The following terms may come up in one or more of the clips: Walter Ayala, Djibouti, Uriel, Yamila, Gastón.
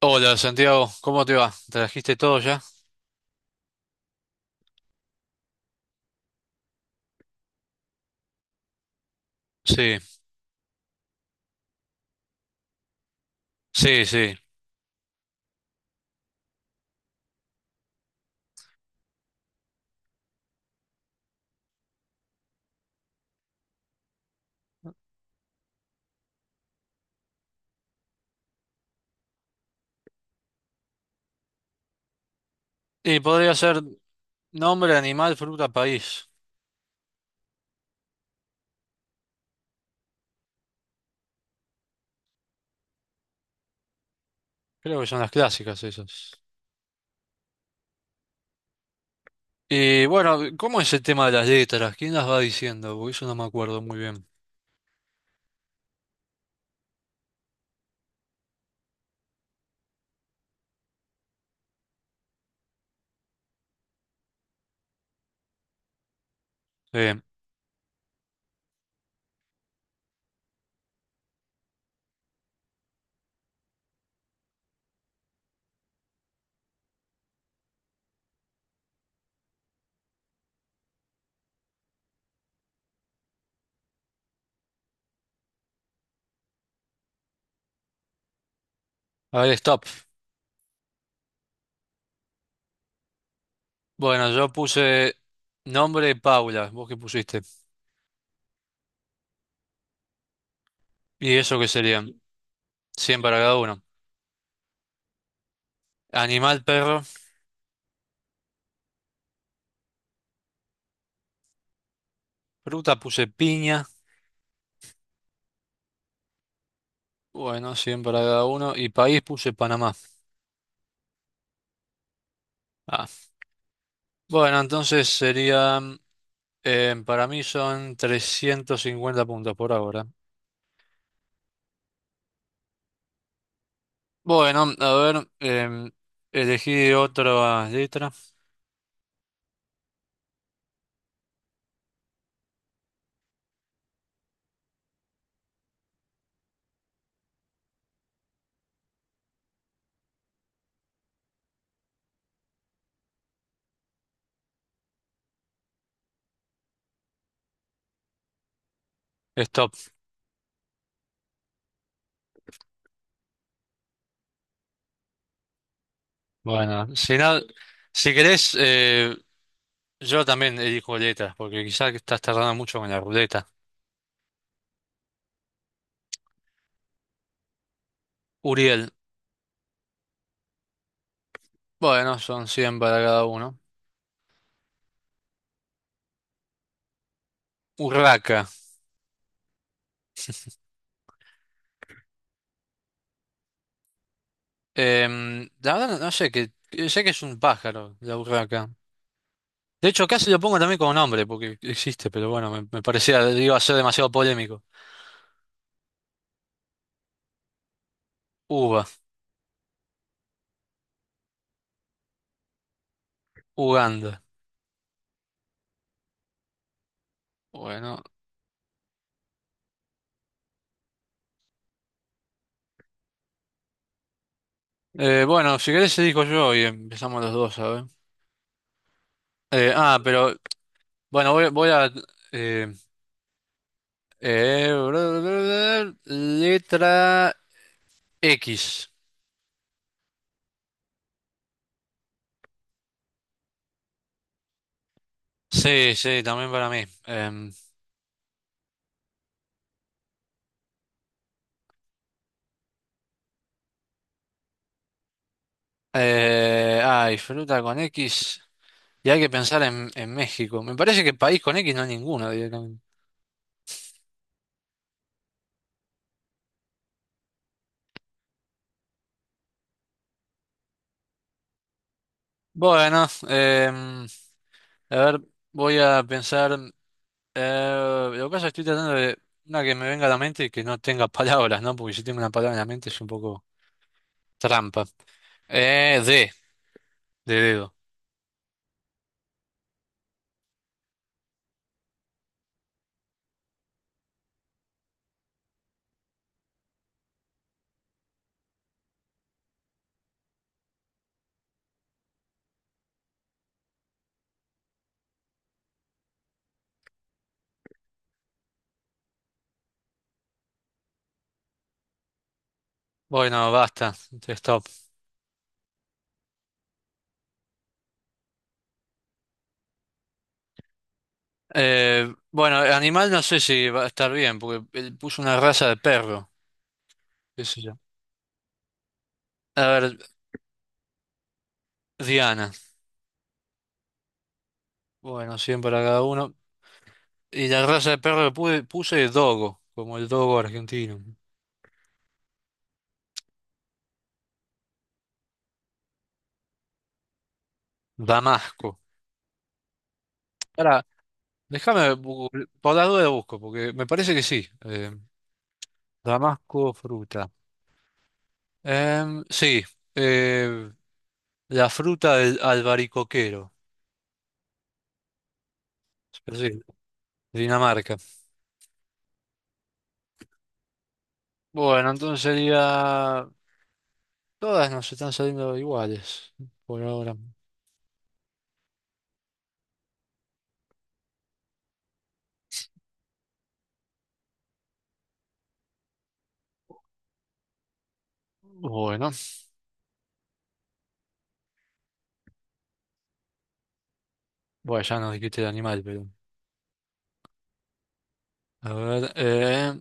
Hola Santiago, ¿cómo te va? ¿Trajiste todo ya? Sí, sí, sí. Y podría ser nombre, animal, fruta, país. Creo que son las clásicas esas. Y bueno, ¿cómo es el tema de las letras? ¿Quién las va diciendo? Porque eso no me acuerdo muy bien. Sí. A ver, stop. Bueno, yo puse nombre Paula, ¿vos qué pusiste? ¿Y eso qué serían? 100 para cada uno. Animal, perro. Fruta puse piña. Bueno, 100 para cada uno. Y país puse Panamá. Ah. Bueno, entonces sería. Para mí son 350 puntos por ahora. Bueno, a ver, elegí otra letra. Stop. Bueno, si, no, si querés, yo también elijo letras, porque quizás estás tardando mucho con la ruleta. Uriel. Bueno, son 100 para cada uno. Urraca. La verdad, no sé, que sé que es un pájaro, la urraca. De hecho, casi lo pongo también como nombre, porque existe, pero bueno, me parecía, iba a ser demasiado polémico. Uva. Uganda. Bueno, bueno, si querés digo yo y empezamos los dos, ¿sabes? Pero bueno, voy a. eh, eh, letra X. Sí, sí, también para mí. Ay, fruta con X. Y hay que pensar en México. Me parece que país con X no hay ninguno directamente. Bueno, a ver, voy a pensar. Lo que pasa es que estoy tratando de una que me venga a la mente y que no tenga palabras, ¿no? Porque si tengo una palabra en la mente es un poco trampa. Eh, de de dedo. Bueno, basta, stop. Bueno, animal no sé si va a estar bien, porque él puso una raza de perro, qué sé yo. A ver, Diana. Bueno, 100 para cada uno. Y la raza de perro que puse es dogo, como el dogo argentino. Damasco. Ahora, déjame, bu- por la duda busco, porque me parece que sí. Damasco, fruta. Sí, eh, la fruta del albaricoquero. Pero sí, Dinamarca. Bueno, entonces sería. Todas nos están saliendo iguales por ahora. Bueno, bueno, ya nos dijiste el animal, pero. A ver,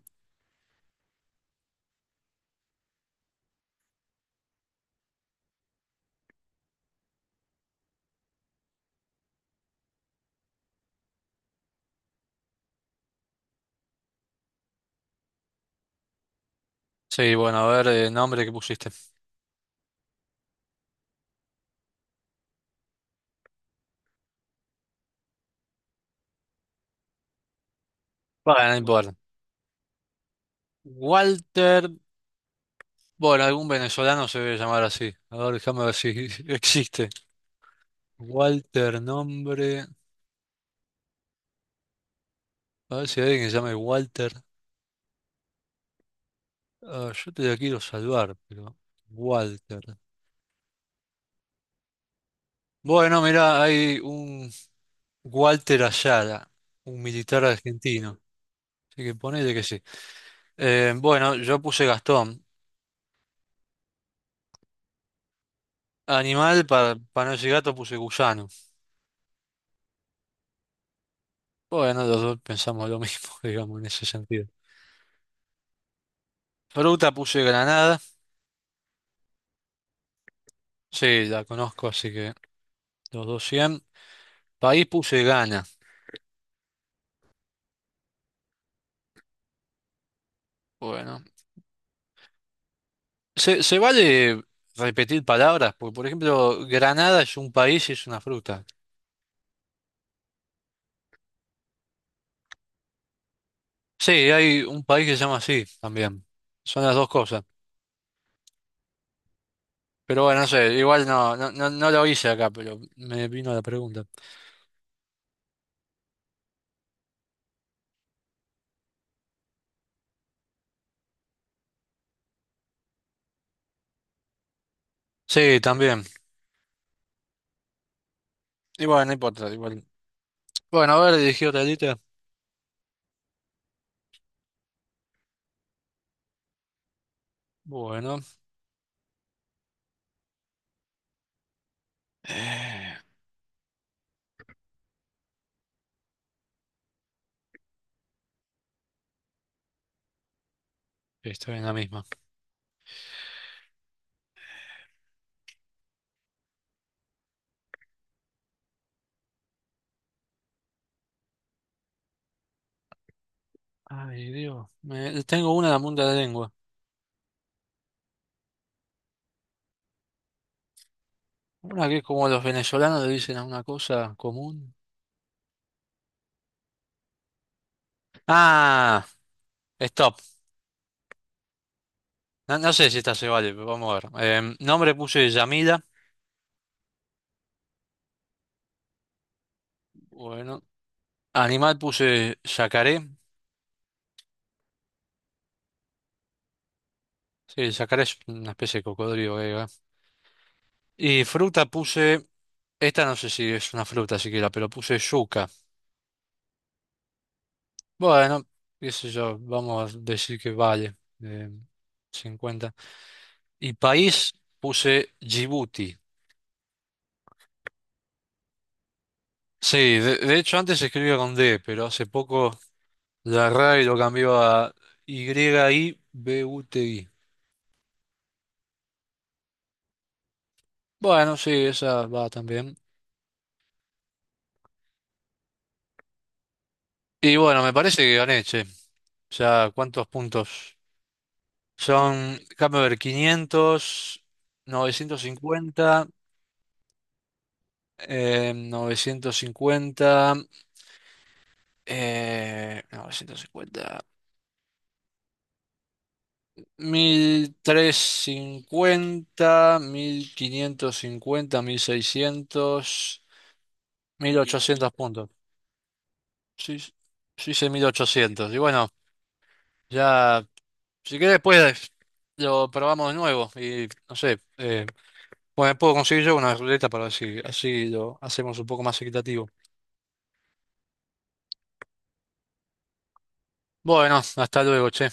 Sí, bueno, a ver, el nombre que pusiste. Bueno, no importa. Walter. Bueno, algún venezolano se debe llamar así. A ver, déjame ver si existe. Walter, nombre. A ver si hay alguien que se llame Walter. Ah, yo te la quiero salvar, pero Walter. Bueno, mirá, hay un Walter Ayala, un militar argentino. Así que ponele que sí. Bueno, yo puse Gastón. Animal, para no decir gato, puse gusano. Bueno, los dos pensamos lo mismo, digamos, en ese sentido. Fruta puse granada. Sí, la conozco, así que los dos 100. País puse Ghana. Bueno. Se vale repetir palabras? Porque, por ejemplo, granada es un país y es una fruta. Sí, hay un país que se llama así también. Son las dos cosas. Pero bueno, no sé, igual no, no, no, no lo hice acá, pero me vino la pregunta. Sí, también. Y bueno, no importa, igual. Bueno, a ver, dirigí otra lista. Bueno, eh, estoy en la misma. Ay, Dios, tengo una en la punta de la lengua. Una que es como los venezolanos le dicen a una cosa común. Ah, stop. No, no sé si esta se vale, pero vamos a ver. Nombre puse Yamila. Bueno, animal puse yacaré. Sí, sacaré es una especie de cocodrilo, griega. Y fruta puse, esta no sé si es una fruta siquiera, pero puse yuca. Bueno, qué sé yo, vamos a decir que vale, eh, 50. Y país puse Djibouti. Sí, de hecho antes se escribía con D, pero hace poco la RAI lo cambió a Yibuti. Bueno, sí, esa va también. Y bueno, me parece que gané, che. O sea, ¿cuántos puntos? Son, déjame ver, 500, 950, 950, 950, 1.350, 1.550, 1.600, 1.800 puntos. Sí, sí, sí, hice 1.800. Y bueno, ya, si querés, después lo probamos de nuevo. Y no sé, bueno, puedo conseguir yo una ruleta para ver si así lo hacemos un poco más equitativo. Bueno, hasta luego, che.